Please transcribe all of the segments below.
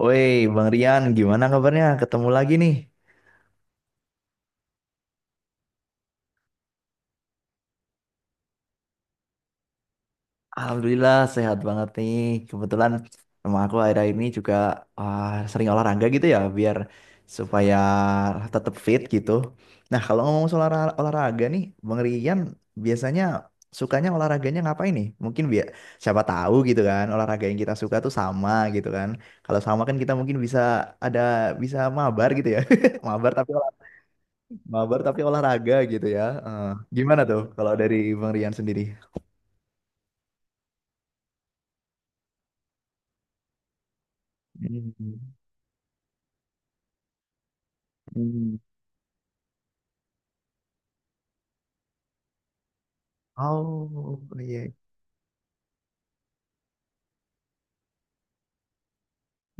Woi, Bang Rian, gimana kabarnya? Ketemu lagi nih. Alhamdulillah sehat banget nih. Kebetulan sama aku akhir-akhir ini juga ah, sering olahraga gitu ya, supaya tetap fit gitu. Nah, kalau ngomong soal olahraga nih, Bang Rian biasanya sukanya olahraganya ngapain nih? Mungkin biar siapa tahu gitu kan, olahraga yang kita suka tuh sama gitu kan. Kalau sama kan kita mungkin ada bisa mabar gitu ya. Mabar tapi Mabar tapi olahraga gitu ya. Gimana tuh kalau dari Bang Rian sendiri? Hmm, hmm. Oh, iya.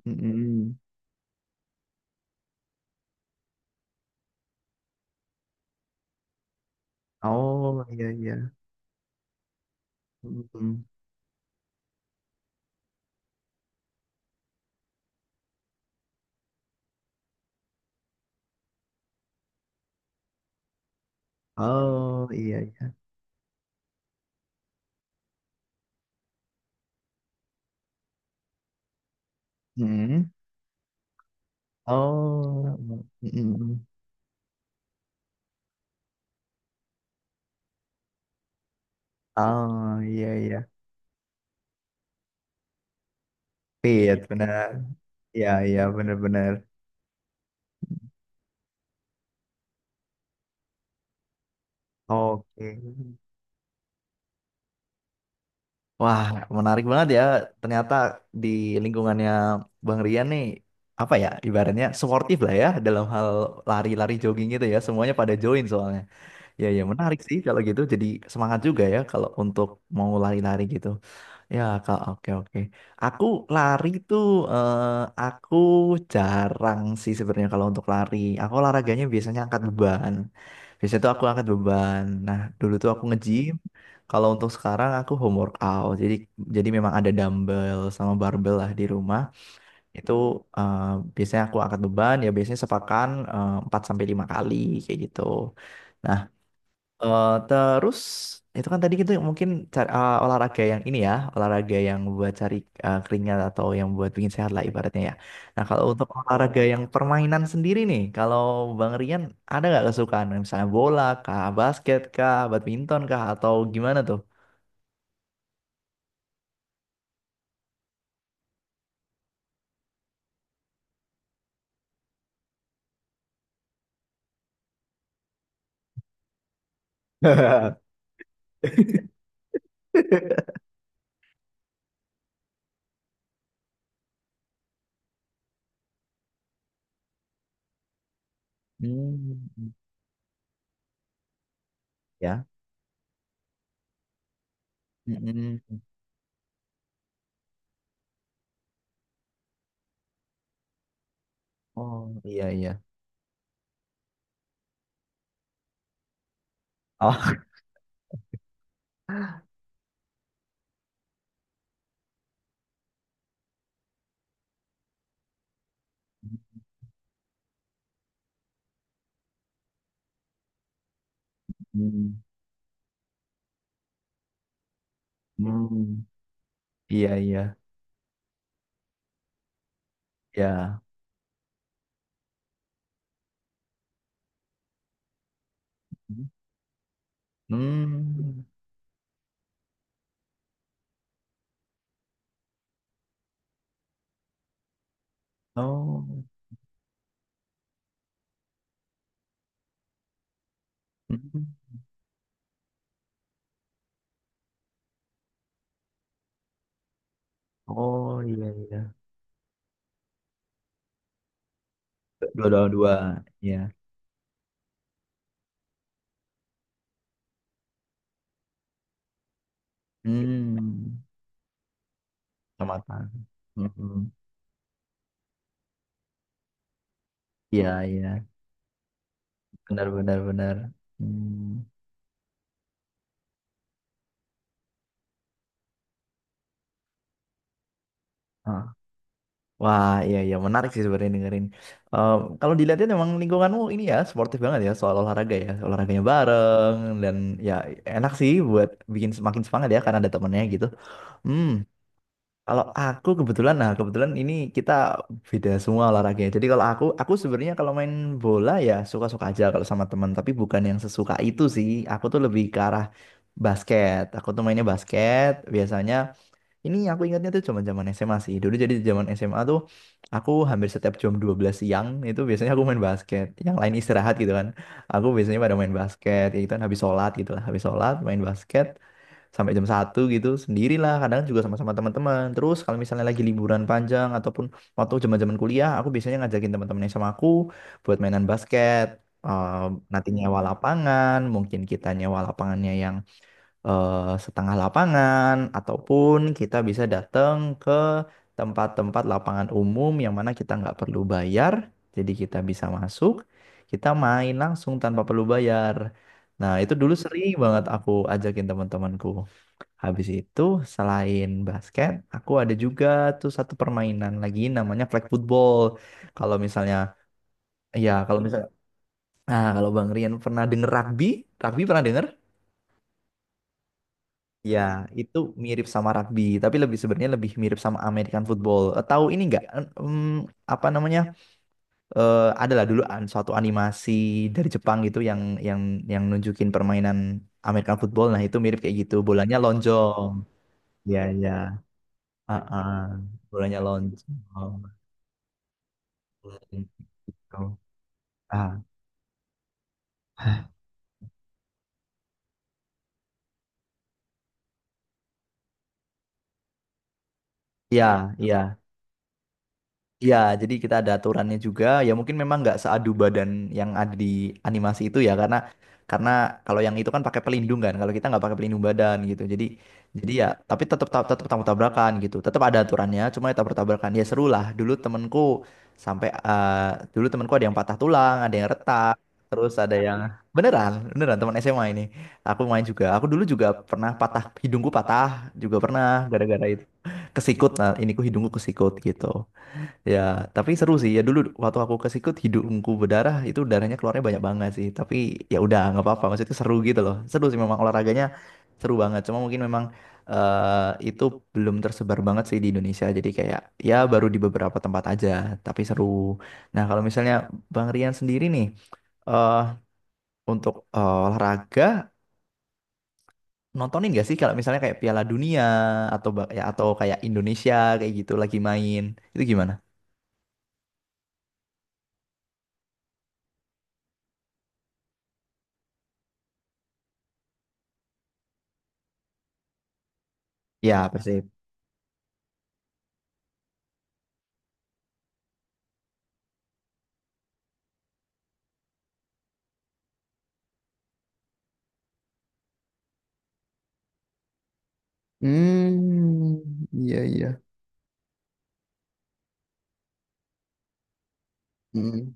Hmm. Oh, iya iya. Hmm. Oh, iya iya. Hmm. Oh. Hmm. Oh, iya iya. Fit benar. Iya iya, benar-benar. Oke. Wah, menarik banget ya. Ternyata di lingkungannya Bang Rian nih, apa ya, ibaratnya sportif lah ya, dalam hal lari-lari jogging gitu ya, semuanya pada join soalnya. Ya, ya menarik sih kalau gitu, jadi semangat juga ya kalau untuk mau lari-lari gitu. Ya, kalau oke oke. Aku lari tuh, eh, aku jarang sih sebenarnya kalau untuk lari. Aku olahraganya biasanya angkat beban. Biasanya tuh aku angkat beban. Nah, dulu tuh aku nge-gym. Kalau untuk sekarang aku home workout. Jadi memang ada dumbbell sama barbell lah di rumah. Itu eh, biasanya aku angkat beban, ya biasanya sepakan 4 sampai 5 kali kayak gitu. Nah, terus itu kan tadi kita mungkin cari, olahraga yang ini ya, olahraga yang buat cari keringat atau yang buat bikin sehat lah ibaratnya ya. Nah, kalau untuk olahraga yang permainan sendiri nih, kalau Bang Rian ada nggak kesukaan misalnya bola kah, basket kah, badminton kah, atau gimana tuh? Hmm, ya. Mm-mm. Oh, iya iya. Oh. Hmm. Hmm. Iya iya. Ya. Hmm. Oh. Mhm. Oh, iya iya. Dua dua dua. Ya. Hmm. Kecamatan. Mhm. Iya iya. Benar benar benar. Hmm. Ah. Wah, iya iya, menarik sih sebenarnya dengerin. Eh, Kalau dilihatin emang lingkunganmu ini ya sportif banget ya soal olahraga ya, olahraganya bareng, dan ya enak sih buat bikin semakin semangat ya karena ada temennya gitu. Hmm. Kalau aku kebetulan ini kita beda semua olahraganya. Jadi kalau aku sebenarnya kalau main bola ya suka-suka aja kalau sama teman, tapi bukan yang sesuka itu sih. Aku tuh lebih ke arah basket. Aku tuh mainnya basket biasanya. Ini aku ingatnya tuh zaman-zaman SMA sih. Dulu jadi zaman SMA tuh aku hampir setiap jam 12 siang itu biasanya aku main basket. Yang lain istirahat gitu kan. Aku biasanya pada main basket, ya gitu kan habis sholat gitu lah. Habis sholat main basket sampai jam 1 gitu, sendirilah, kadang juga sama-sama teman-teman. Terus kalau misalnya lagi liburan panjang ataupun waktu zaman-zaman kuliah, aku biasanya ngajakin teman-teman yang sama aku buat mainan basket. Eh, nanti nyewa lapangan, mungkin kita nyewa lapangannya yang eh, setengah lapangan, ataupun kita bisa datang ke tempat-tempat lapangan umum yang mana kita nggak perlu bayar, jadi kita bisa masuk, kita main langsung tanpa perlu bayar. Nah, itu dulu sering banget aku ajakin teman-temanku. Habis itu selain basket, aku ada juga tuh satu permainan lagi namanya flag football. Kalau misalnya, ya kalau misalnya, nah kalau Bang Rian pernah denger rugby, rugby pernah denger? Ya, itu mirip sama rugby, tapi lebih sebenarnya lebih mirip sama American football. Tahu ini nggak? Apa namanya? Adalah dulu suatu animasi dari Jepang gitu yang yang nunjukin permainan American football. Nah, itu mirip kayak gitu. Bolanya lonjong. Ya, ya. Ah, ah. Bolanya lonceng. Oh, lonceng. Ah, iya, iya. Iya, jadi kita ada aturannya juga. Ya, mungkin memang nggak seadu badan yang ada di animasi itu ya, karena kalau yang itu kan pakai pelindung kan. Kalau kita nggak pakai pelindung badan gitu. Jadi ya, tapi tetap tetap tetap tabrakan gitu. Tetap ada aturannya, cuma ya tabrak tabrakan. Ya, seru lah. Sampai eh, dulu temenku ada yang patah tulang, ada yang retak, terus ada yang beneran beneran teman SMA ini. Aku main juga. Aku dulu juga pernah patah, hidungku patah juga pernah gara-gara itu kesikut. Nah, ini ku hidungku kesikut gitu. Ya, tapi seru sih. Ya, dulu waktu aku ke sikut hidungku berdarah, itu darahnya keluarnya banyak banget sih. Tapi ya udah nggak apa-apa. Maksudnya seru gitu loh. Seru sih memang olahraganya, seru banget. Cuma mungkin memang itu belum tersebar banget sih di Indonesia. Jadi kayak ya baru di beberapa tempat aja. Tapi seru. Nah, kalau misalnya Bang Rian sendiri nih eh untuk olahraga, nontonin gak sih kalau misalnya kayak Piala Dunia atau ya, atau kayak Indonesia kayak gitu lagi main, itu gimana? Ya, pasti. Hmm, iya iya. Hmm,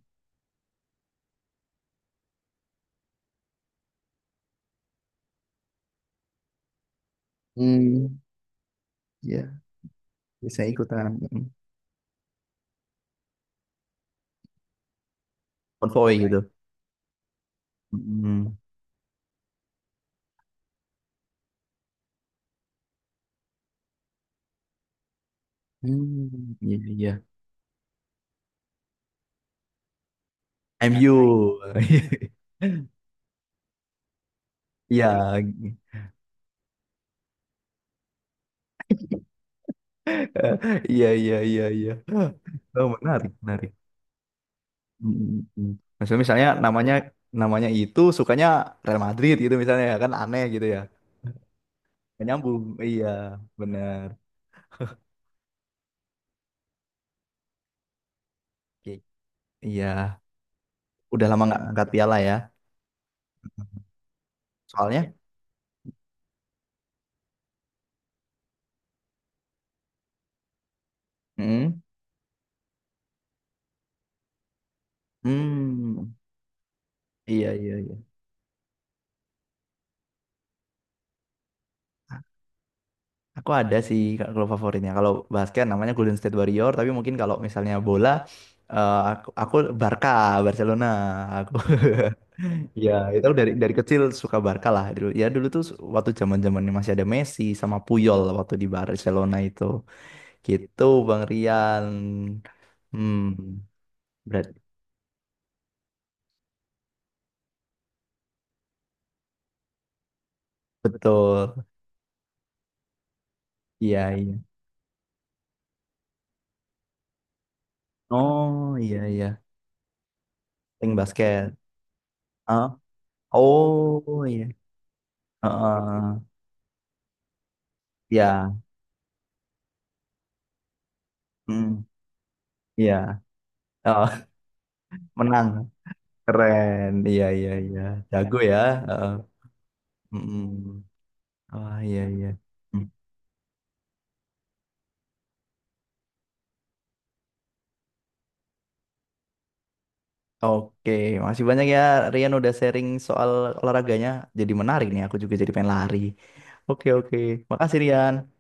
hmm, iya. Saya ikutan mm, konvoy gitu. Hmm, hmm, iya iya. MU. Iya, iya iya iya iya. Oh, menarik, menarik. Mm, mm, mm. Maksudnya misalnya namanya namanya itu sukanya Real Madrid gitu misalnya, ya kan aneh gitu ya. Gak nyambung. Iya, benar. Oke. Iya, udah lama nggak angkat piala ya. Soalnya, mm, mm, iya iya iya. Aku ada sih Kak, kalau favoritnya. Kalau basket namanya Golden State Warrior, tapi mungkin kalau misalnya bola aku Barca, Barcelona. Aku ya itu dari kecil suka Barca lah dulu. Ya dulu tuh waktu zaman-zamannya masih ada Messi sama Puyol waktu di Barcelona itu. Gitu Bang Rian. Hmm, berat. Betul. Iya, iya. Oh, iya iya. Pink basket. ah Oh, iya. Heeh. Ya. Hmm, iya. Heeh. Menang. Keren. Iya, iya, iya. Jago ya. Heeh. Mm-mm. Wah, iya, iya. Mm. Oke, masih banyak ya Rian udah sharing soal olahraganya. Jadi menarik nih, aku juga jadi pengen lari. Oke, oke. Makasih Rian.